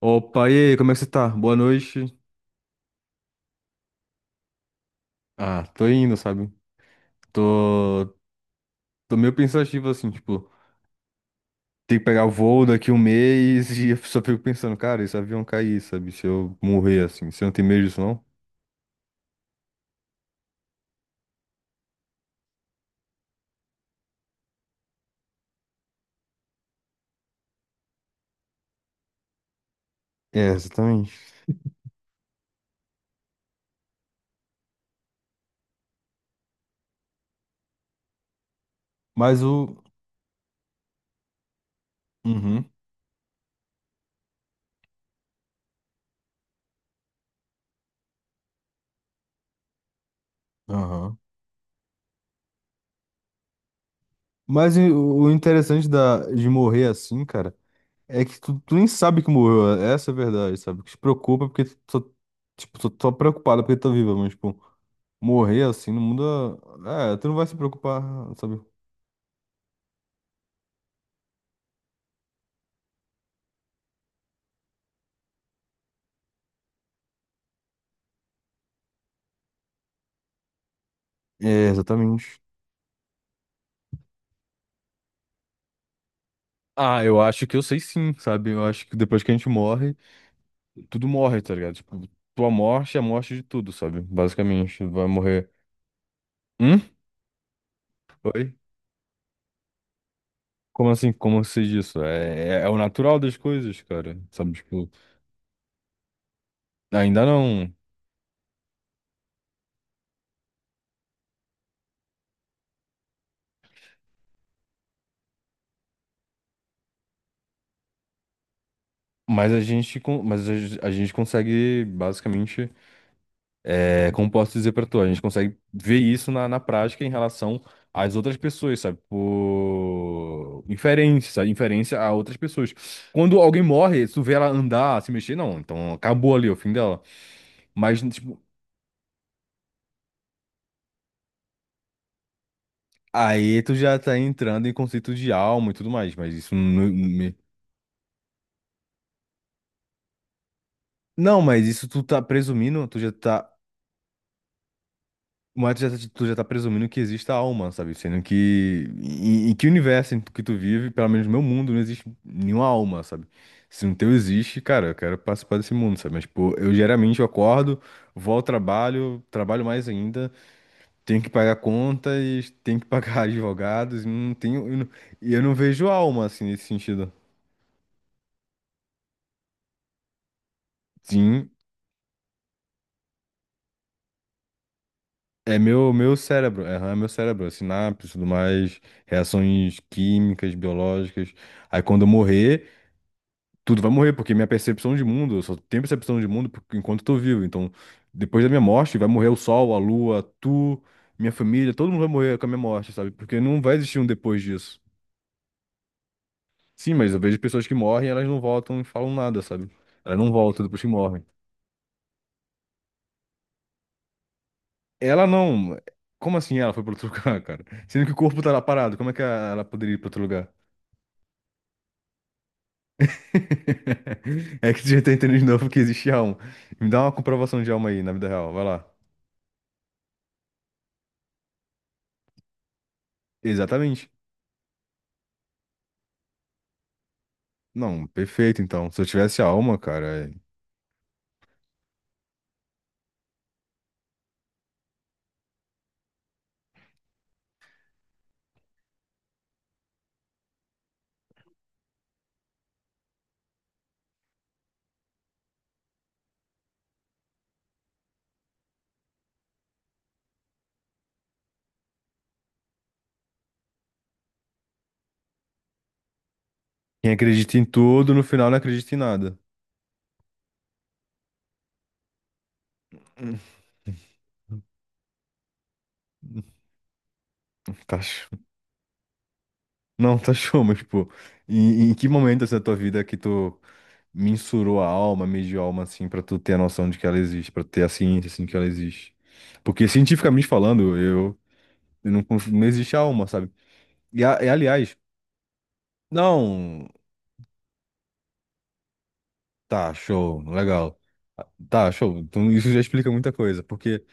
Opa, e aí, como é que você tá? Boa noite. Ah, tô indo, sabe? Tô, tô meio pensativo assim, tipo, tem que pegar o voo daqui um mês e eu só fico pensando, cara, esse avião cair, sabe? Se eu morrer assim, você não tem medo disso, não? É, exatamente. Mas o. Uhum, aham. Mas e o interessante de morrer assim, cara, é que tu nem sabe que morreu, essa é a verdade, sabe? O que te preocupa é porque tipo, tô preocupado porque tô viva, mas, tipo. Morrer assim não muda. É, tu não vai se preocupar, sabe? É, exatamente. Ah, eu acho que eu sei sim, sabe? Eu acho que depois que a gente morre, tudo morre, tá ligado? Tipo, tua morte é a morte de tudo, sabe? Basicamente, vai morrer. Hum? Oi? Como assim? Como eu diz isso? É o natural das coisas, cara. Sabe? Tipo, ainda não. Mas mas a gente consegue, basicamente. É, como posso dizer pra tu, a gente consegue ver isso na prática em relação às outras pessoas, sabe? Por inferência, sabe? Inferência a outras pessoas. Quando alguém morre, se tu vê ela andar, se mexer, não. Então acabou ali é o fim dela. Mas, tipo, aí tu já tá entrando em conceito de alma e tudo mais. Mas isso não. Não, mas isso tu tá presumindo, tu já tá. Mas tu já tá presumindo que existe a alma, sabe? Sendo que em que universo em que tu vive, pelo menos no meu mundo, não existe nenhuma alma, sabe? Se no teu existe, cara, eu quero participar desse mundo, sabe? Mas, tipo, eu geralmente eu acordo, vou ao trabalho, trabalho mais ainda, tenho que pagar contas, tenho que pagar advogados, não tenho, e eu não vejo alma, assim, nesse sentido. Sim, é meu cérebro, é meu cérebro, é sinapse, tudo mais, reações químicas, biológicas. Aí quando eu morrer, tudo vai morrer, porque minha percepção de mundo, eu só tenho percepção de mundo enquanto eu tô vivo. Então, depois da minha morte, vai morrer o sol, a lua, tu, minha família, todo mundo vai morrer com a minha morte, sabe? Porque não vai existir um depois disso. Sim, mas eu vejo pessoas que morrem, elas não voltam e falam nada, sabe? Elas não voltam depois que morrem. Ela não. Como assim ela foi pra outro lugar, cara? Sendo que o corpo tá lá parado, como é que ela poderia ir pra outro lugar? É que tu já tá entendendo de novo que existe alma. Me dá uma comprovação de alma aí, na vida real, vai lá. Exatamente. Não, perfeito, então. Se eu tivesse alma, cara, quem acredita em tudo, no final não acredita em nada. Hum. Tá show. Não, tá show, mas, pô, em que momento assim, da tua vida que tu mensurou a alma, mediu a alma, assim, pra tu ter a noção de que ela existe, pra tu ter a ciência, assim, que ela existe? Porque, cientificamente falando, eu não, conf- não existe a alma, sabe? E, e, aliás, não, tá, show, legal. Tá, show. Então, isso já explica muita coisa, porque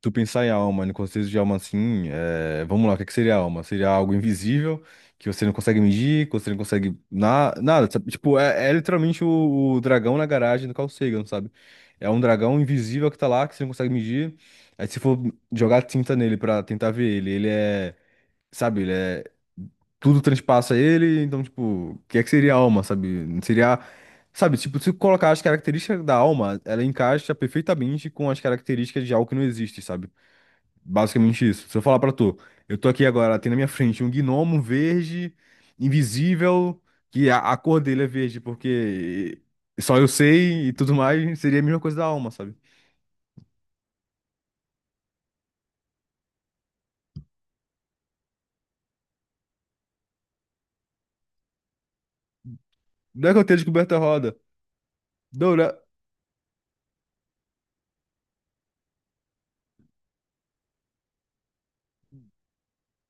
tu pensar em alma, no conceito de alma assim, é, vamos lá, o que é que seria alma? Seria algo invisível que você não consegue medir, que você não consegue nada, sabe? Tipo, é literalmente o dragão na garagem do Carl Sagan, sabe? É um dragão invisível que tá lá, que você não consegue medir. Aí se for jogar tinta nele pra tentar ver ele, ele é, sabe, ele é tudo transpassa ele, então, tipo, o que é que seria a alma, sabe? Seria, sabe, tipo, se colocar as características da alma, ela encaixa perfeitamente com as características de algo que não existe, sabe? Basicamente isso. Se eu falar pra tu, eu tô aqui agora, tem na minha frente um gnomo verde, invisível, que a cor dele é verde, porque só eu sei e tudo mais, seria a mesma coisa da alma, sabe? Não é que eu tenha descoberto a roda. Não, né?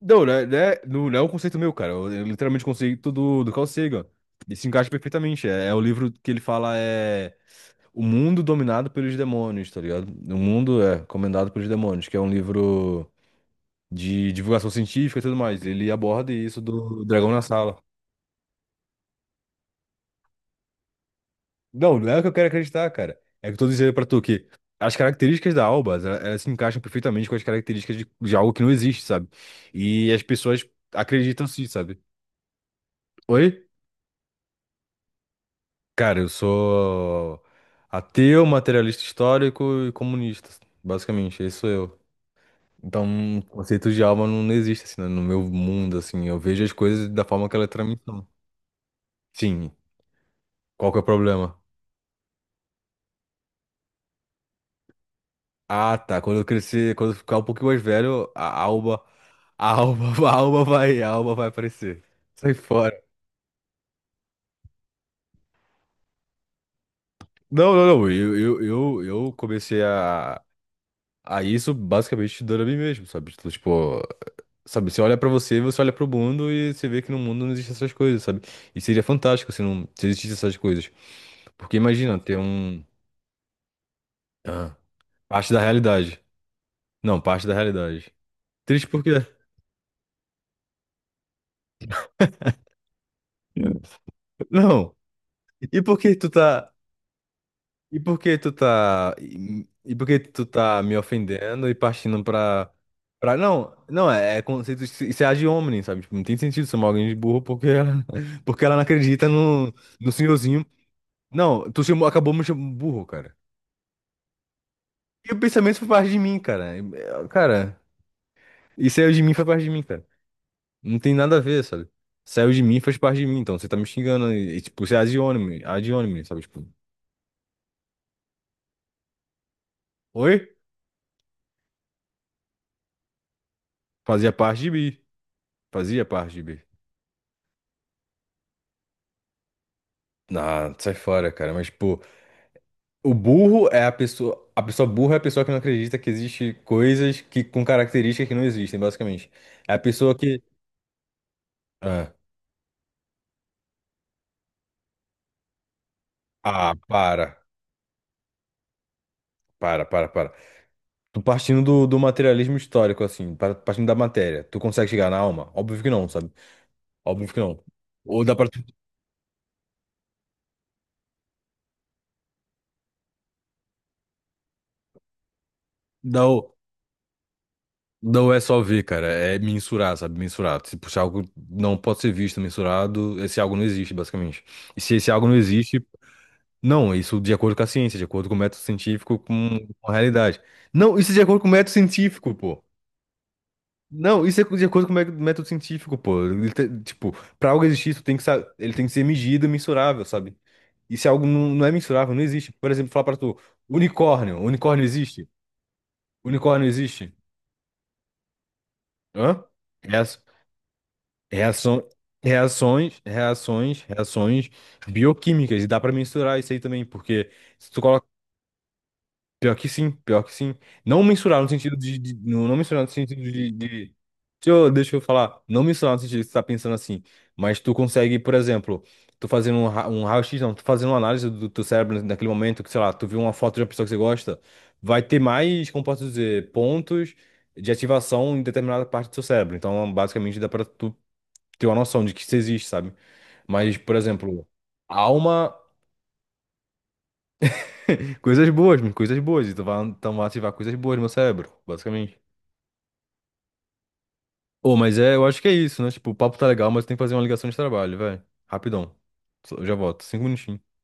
Não, né? Né, não, não é um conceito meu, cara. Eu literalmente conceito do Carl Sagan. E se encaixa perfeitamente. É o livro que ele fala é o mundo dominado pelos demônios, tá ligado? O mundo é comandado pelos demônios, que é um livro de divulgação científica e tudo mais. Ele aborda isso do dragão na sala. Não, não é o que eu quero acreditar, cara. É o que eu tô dizendo pra tu que as características da Alba, elas se encaixam perfeitamente com as características de algo que não existe, sabe? E as pessoas acreditam sim, sabe? Oi? Cara, eu sou ateu, materialista histórico e comunista, basicamente, esse sou eu. Então, o conceito de alma não existe assim, né, no meu mundo, assim, eu vejo as coisas da forma que elas tramitam. Sim, qual que é o problema? Ah, tá. Quando eu crescer, quando eu ficar um pouquinho mais velho, a alma, a alma vai aparecer. Sai fora. Não, não, não. Eu comecei a isso basicamente dando a mim mesmo, sabe? Tipo, sabe? Você olha pra você, você olha pro mundo e você vê que no mundo não existem essas coisas, sabe? E seria fantástico se não se existissem essas coisas. Porque imagina ter um. Ah, parte da realidade. Não, parte da realidade. Triste porque. Não. E por que tu tá. E por que tu tá e por que tu tá me ofendendo e partindo pra para não é, é conceito isso é ad hominem, sabe? Tipo, não tem sentido chamar alguém de burro porque ela, porque ela não acredita no senhorzinho. Não, tu chamou, acabou me chamando de burro, cara. E o pensamento foi parte de mim, cara. Cara, e saiu de mim foi parte de mim, cara. Não tem nada a ver, sabe? Saiu de mim faz parte de mim, então você tá me xingando e, tipo, você é ad hominem, sabe? Tipo, oi? Fazia parte de mim, fazia parte de mim. Ah, sai fora, cara. Mas, pô, o burro é a pessoa. A pessoa burra é a pessoa que não acredita que existe coisas que, com características que não existem, basicamente. É a pessoa que. Ah, ah, para. Para, para, para. Tu partindo do materialismo histórico, assim, partindo da matéria, tu consegue chegar na alma? Óbvio que não, sabe? Óbvio que não. Ou dá pra. Dá, o- não é só ver, cara. É mensurar, sabe? Mensurar. Tipo, se puxar algo não pode ser visto, mensurado, esse algo não existe, basicamente. E se esse algo não existe. Não, isso de acordo com a ciência, de acordo com o método científico, com a realidade. Não, isso é de acordo com o método científico, pô. Não, isso é de acordo com o método científico, pô. Ele tipo, pra algo existir, isso tem que, ele tem que ser medido e mensurável, sabe? E se algo não é mensurável, não existe. Por exemplo, falar pra tu, unicórnio existe? Unicórnio existe? Hã? Reaço- Reação, reações bioquímicas, e dá pra mensurar isso aí também, porque se tu. Pior que sim, pior que sim. Não mensurar no sentido de-, não, não mensurar no sentido de, de-. Deixa eu falar. Não mensurar no sentido de que você tá pensando assim. Mas tu consegue, por exemplo, tu fazendo um raio-x, não, tu fazendo uma análise do teu cérebro naquele momento, que, sei lá, tu viu uma foto de uma pessoa que você gosta, vai ter mais, como posso dizer, pontos de ativação em determinada parte do seu cérebro. Então, basicamente, dá pra tu ter uma noção de que isso existe, sabe? Mas, por exemplo, alma. Coisas boas, mano, coisas boas. Então vai ativar coisas boas no meu cérebro, basicamente. Ô, mas é, eu acho que é isso, né? Tipo, o papo tá legal, mas tem que fazer uma ligação de trabalho, velho. Rapidão. Já volto. 5 minutinhos.